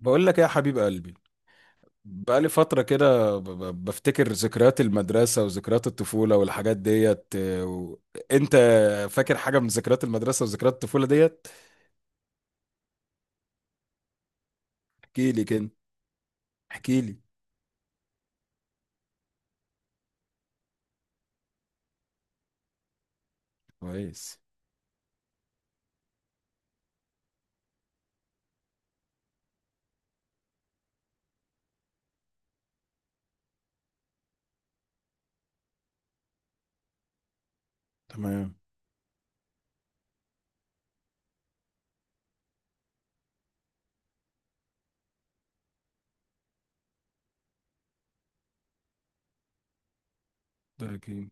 بقول لك إيه يا حبيب قلبي. بقالي فترة كده، بفتكر ذكريات المدرسة وذكريات الطفولة والحاجات ديت إيه، و انت فاكر حاجة من ذكريات المدرسة وذكريات الطفولة ديت؟ احكي لي كده، احكي لي. كويس. تمام. ده أكيد.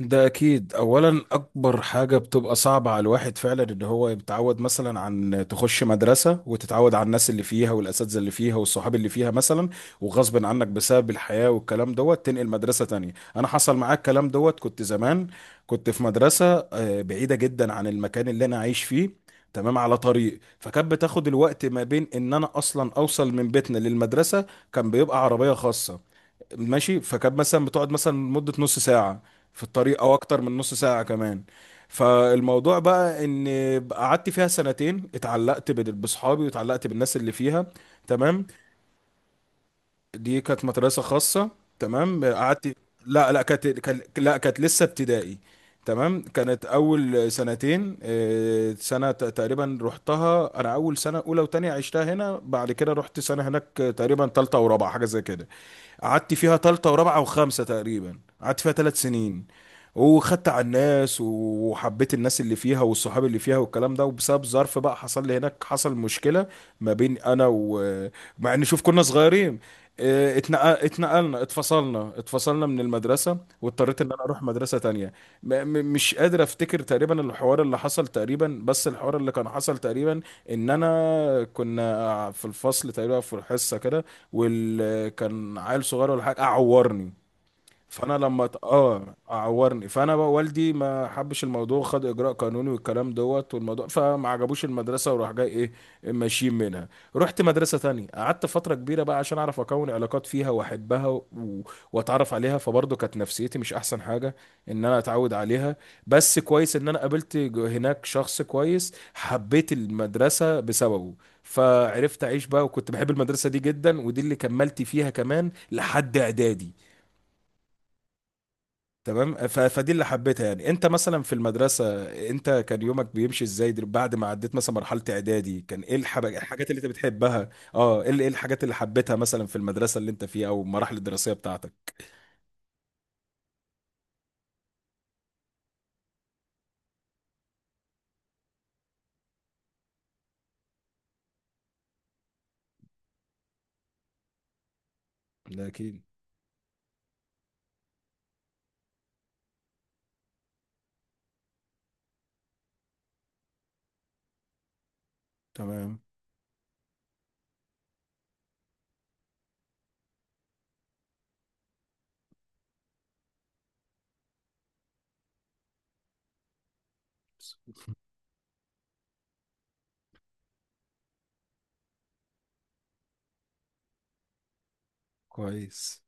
ده اكيد، اولا اكبر حاجه بتبقى صعبه على الواحد فعلا ان هو يتعود مثلا، عن تخش مدرسه وتتعود على الناس اللي فيها والاساتذه اللي فيها والصحاب اللي فيها مثلا. وغصب عنك بسبب الحياه والكلام دوت تنقل مدرسه تانية. انا حصل معاك الكلام دوت. كنت زمان كنت في مدرسه بعيده جدا عن المكان اللي انا عايش فيه. تمام، على طريق، فكانت بتاخد الوقت ما بين ان انا اصلا اوصل من بيتنا للمدرسه. كان بيبقى عربيه خاصه ماشي. فكانت مثلا بتقعد مثلا مدة نص ساعة في الطريق، او اكتر من نص ساعة كمان. فالموضوع بقى ان قعدت فيها سنتين، اتعلقت بصحابي واتعلقت بالناس اللي فيها. تمام. دي كانت مدرسة خاصة. تمام، قعدت. لا، لا، لا كانت لسه ابتدائي. تمام، كانت اول سنتين، تقريبا رحتها انا اول سنة اولى وتانية عشتها هنا، بعد كده رحت سنة هناك، تقريبا تالتة ورابعة حاجة زي كده. قعدت فيها تالتة ورابعة وخامسة، تقريبا قعدت فيها 3 سنين. وخدت على الناس وحبيت الناس اللي فيها والصحاب اللي فيها والكلام ده. وبسبب ظرف بقى حصل لي هناك، حصل مشكلة ما بين انا و مع ان، شوف، كنا صغيرين. اتنقلنا، اتفصلنا من المدرسة، واضطريت ان انا اروح مدرسة تانية. مش قادر افتكر تقريبا الحوار اللي حصل، تقريبا بس الحوار اللي كان حصل تقريبا ان انا كنا في الفصل تقريبا في الحصة كده، وال كان عيل صغير ولا حاجه قعورني. فانا لما عورني، فانا بقى والدي ما حبش الموضوع، خد اجراء قانوني والكلام دوت. والموضوع فما عجبوش المدرسه وراح جاي ايه، ماشيين منها. رحت مدرسه تانية، قعدت فتره كبيره بقى عشان اعرف اكون علاقات فيها واحبها و واتعرف عليها، فبرضه كانت نفسيتي مش احسن حاجه ان انا اتعود عليها. بس كويس ان انا قابلت هناك شخص كويس، حبيت المدرسه بسببه. فعرفت اعيش بقى، وكنت بحب المدرسه دي جدا، ودي اللي كملت فيها كمان لحد اعدادي. تمام، فدي اللي حبيتها يعني. انت مثلا في المدرسة، انت كان يومك بيمشي ازاي؟ بعد ما عديت مثلا مرحلة اعدادي، كان ايه الحاجات اللي انت بتحبها؟ اه، ايه الحاجات اللي حبيتها مثلا في المدرسة اللي انت فيها او المراحل الدراسية بتاعتك؟ ده اكيد. تمام. كويس.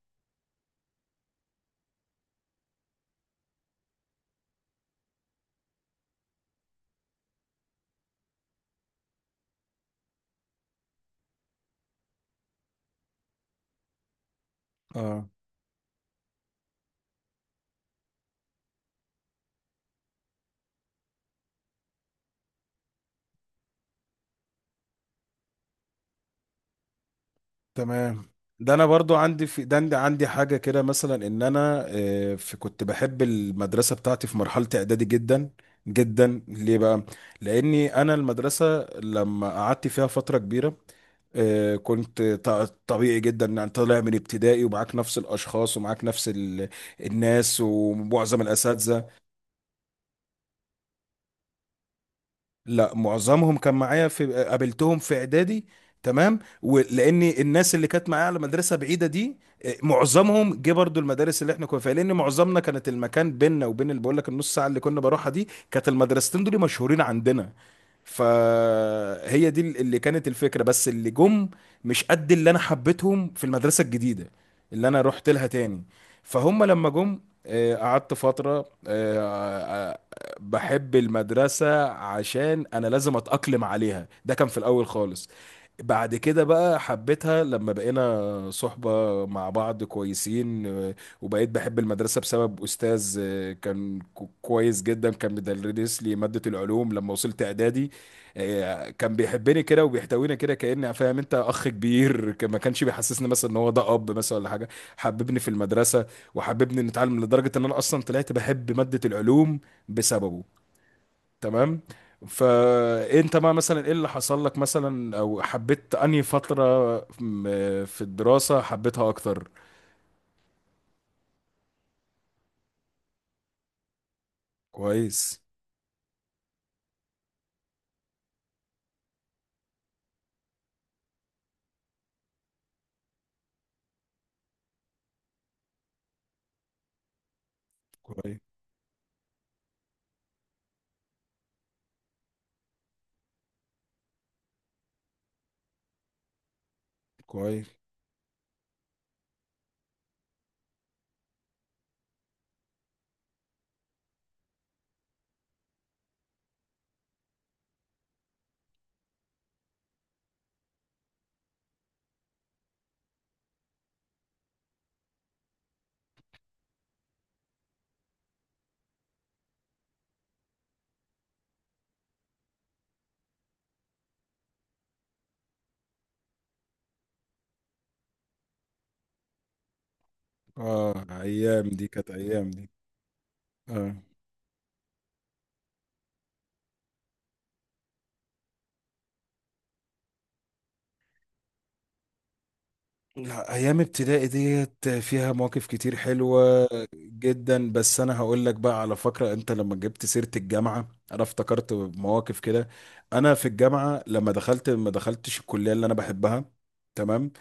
اه. تمام. ده انا برضو عندي، في ده عندي عندي حاجه كده مثلا، ان انا في كنت بحب المدرسه بتاعتي في مرحله اعدادي جدا جدا. ليه بقى؟ لاني انا المدرسه لما قعدت فيها فتره كبيره، كنت طبيعي جدا ان انت طالع من ابتدائي ومعاك نفس الاشخاص ومعاك نفس الناس ومعظم الاساتذه. لا، معظمهم كان معايا، قابلتهم في اعدادي. تمام، ولان الناس اللي كانت معايا على مدرسه بعيده دي، معظمهم جه برضو المدارس اللي احنا كنا فيها، لان معظمنا كانت المكان بيننا وبين اللي بقول لك النص ساعه اللي كنا بروحها دي، كانت المدرستين دول مشهورين عندنا. فهي دي اللي كانت الفكره، بس اللي جم مش قد اللي انا حبيتهم في المدرسه الجديده اللي انا رحت لها تاني. فهم لما جم، قعدت فتره، آه، آه، بحب المدرسة عشان أنا لازم أتأقلم عليها، ده كان في الأول خالص. بعد كده بقى حبيتها لما بقينا صحبة مع بعض كويسين، وبقيت بحب المدرسة بسبب أستاذ كان كويس جدا، كان بيدرس لي مادة العلوم لما وصلت إعدادي. كان بيحبني كده وبيحتويني كده، كأني فاهم أنت، أخ كبير، ما كانش بيحسسني مثلا إن هو ده أب مثلا ولا حاجة. حببني في المدرسة، وحببني نتعلم لدرجة إن أنا أصلا طلعت بحب مادة العلوم بسببه. تمام. فانت بقى مثلا، ايه اللي حصل لك مثلا؟ او حبيت انهي فترة في الدراسة حبيتها اكتر؟ كويس. كويس. كويس. اه، ايام دي كانت ايام دي. اه، لا، ايام ابتدائي ديت فيها مواقف كتير حلوة جدا. بس انا هقول لك بقى على فكرة، انت لما جبت سيرة الجامعة، انا افتكرت مواقف كده. انا في الجامعة لما دخلت، ما دخلتش الكلية اللي انا بحبها. تمام.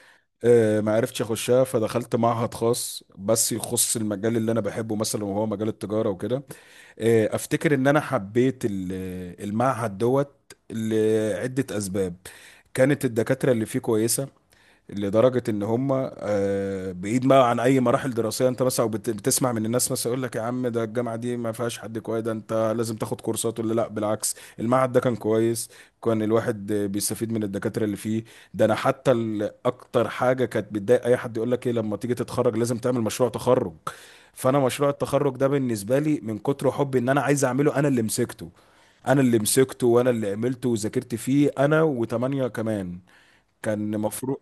ما عرفتش اخشها، فدخلت معهد خاص بس يخص المجال اللي انا بحبه مثلا، وهو مجال التجاره وكده. افتكر ان انا حبيت المعهد دوت لعده اسباب. كانت الدكاتره اللي فيه كويسه، لدرجه ان هم، بعيد ما عن اي مراحل دراسيه، انت مثلا بتسمع من الناس مثلا يقول لك يا عم، ده الجامعه دي ما فيهاش حد كويس، ده انت لازم تاخد كورسات ولا لا، بالعكس المعهد ده كان كويس. كان الواحد بيستفيد من الدكاتره اللي فيه. ده انا حتى، اكتر حاجه كانت بتضايق اي حد، يقول لك ايه لما تيجي تتخرج لازم تعمل مشروع تخرج. فانا مشروع التخرج ده بالنسبه لي، من كتر حبي ان انا عايز اعمله، انا اللي مسكته. انا اللي مسكته، وانا اللي عملته وذاكرت فيه انا وتمانية كمان. كان مفروض.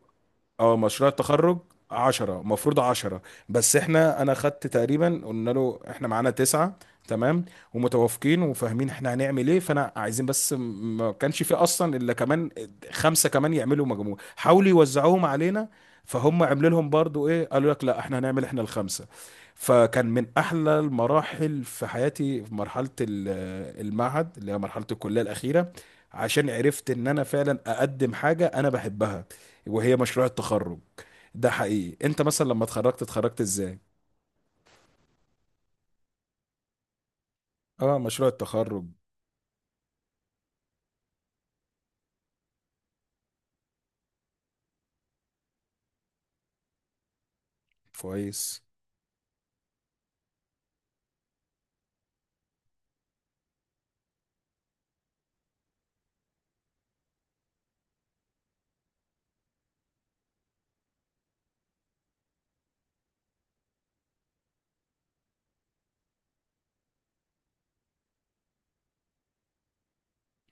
اه، مشروع التخرج. 10، مفروض 10. بس انا خدت تقريبا، قلنا له احنا معانا تسعة. تمام، ومتوافقين وفاهمين احنا هنعمل ايه، فانا عايزين بس، ما كانش في اصلا الا كمان خمسة كمان يعملوا مجموع، حاولوا يوزعوهم علينا. فهم عملوا لهم برضو ايه، قالوا لك لا احنا هنعمل احنا الخمسة. فكان من احلى المراحل في حياتي، في مرحلة المعهد اللي هي مرحلة الكلية الاخيرة، عشان عرفت ان انا فعلا اقدم حاجة انا بحبها، وهي مشروع التخرج. ده حقيقي. انت مثلا لما اتخرجت، اتخرجت ازاي؟ اه، مشروع التخرج. كويس.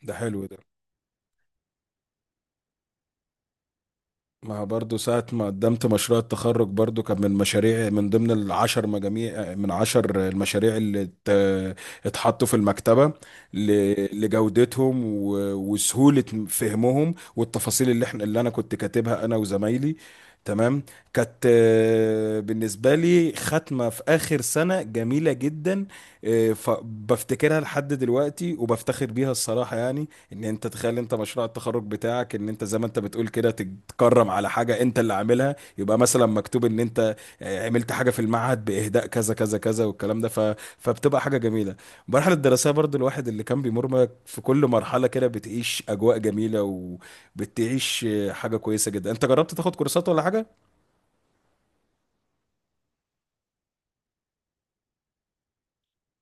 ده حلو ده. ما، برضو ساعة ما قدمت مشروع التخرج برضو، كان من مشاريع، من ضمن العشر مجاميع، من عشر المشاريع اللي اتحطوا في المكتبة لجودتهم وسهولة فهمهم، والتفاصيل اللي انا كنت كاتبها انا وزمايلي. تمام. كانت بالنسبة لي ختمة في آخر سنة جميلة جدا، بفتكرها لحد دلوقتي وبفتخر بيها الصراحة يعني. ان انت تخيل انت مشروع التخرج بتاعك، ان انت زي ما انت بتقول كده، تتكرم على حاجه انت اللي عاملها، يبقى مثلا مكتوب ان انت عملت حاجه في المعهد باهداء كذا كذا كذا والكلام ده ف فبتبقى حاجه جميله. المرحله الدراسيه برضو، الواحد اللي كان بيمر في كل مرحله كده بتعيش اجواء جميله، وبتعيش حاجه كويسه جدا. انت جربت تاخد كورسات ولا حاجه؟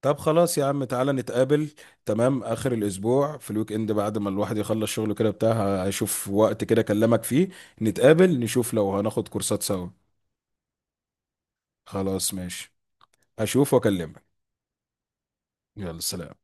طب خلاص يا عم، تعالى نتقابل. تمام، آخر الأسبوع في الويك إند، بعد ما الواحد يخلص شغله كده بتاع، هشوف وقت كده أكلمك فيه. نتقابل، نشوف لو هناخد كورسات سوا. خلاص، ماشي. أشوف وأكلمك. يلا، سلام.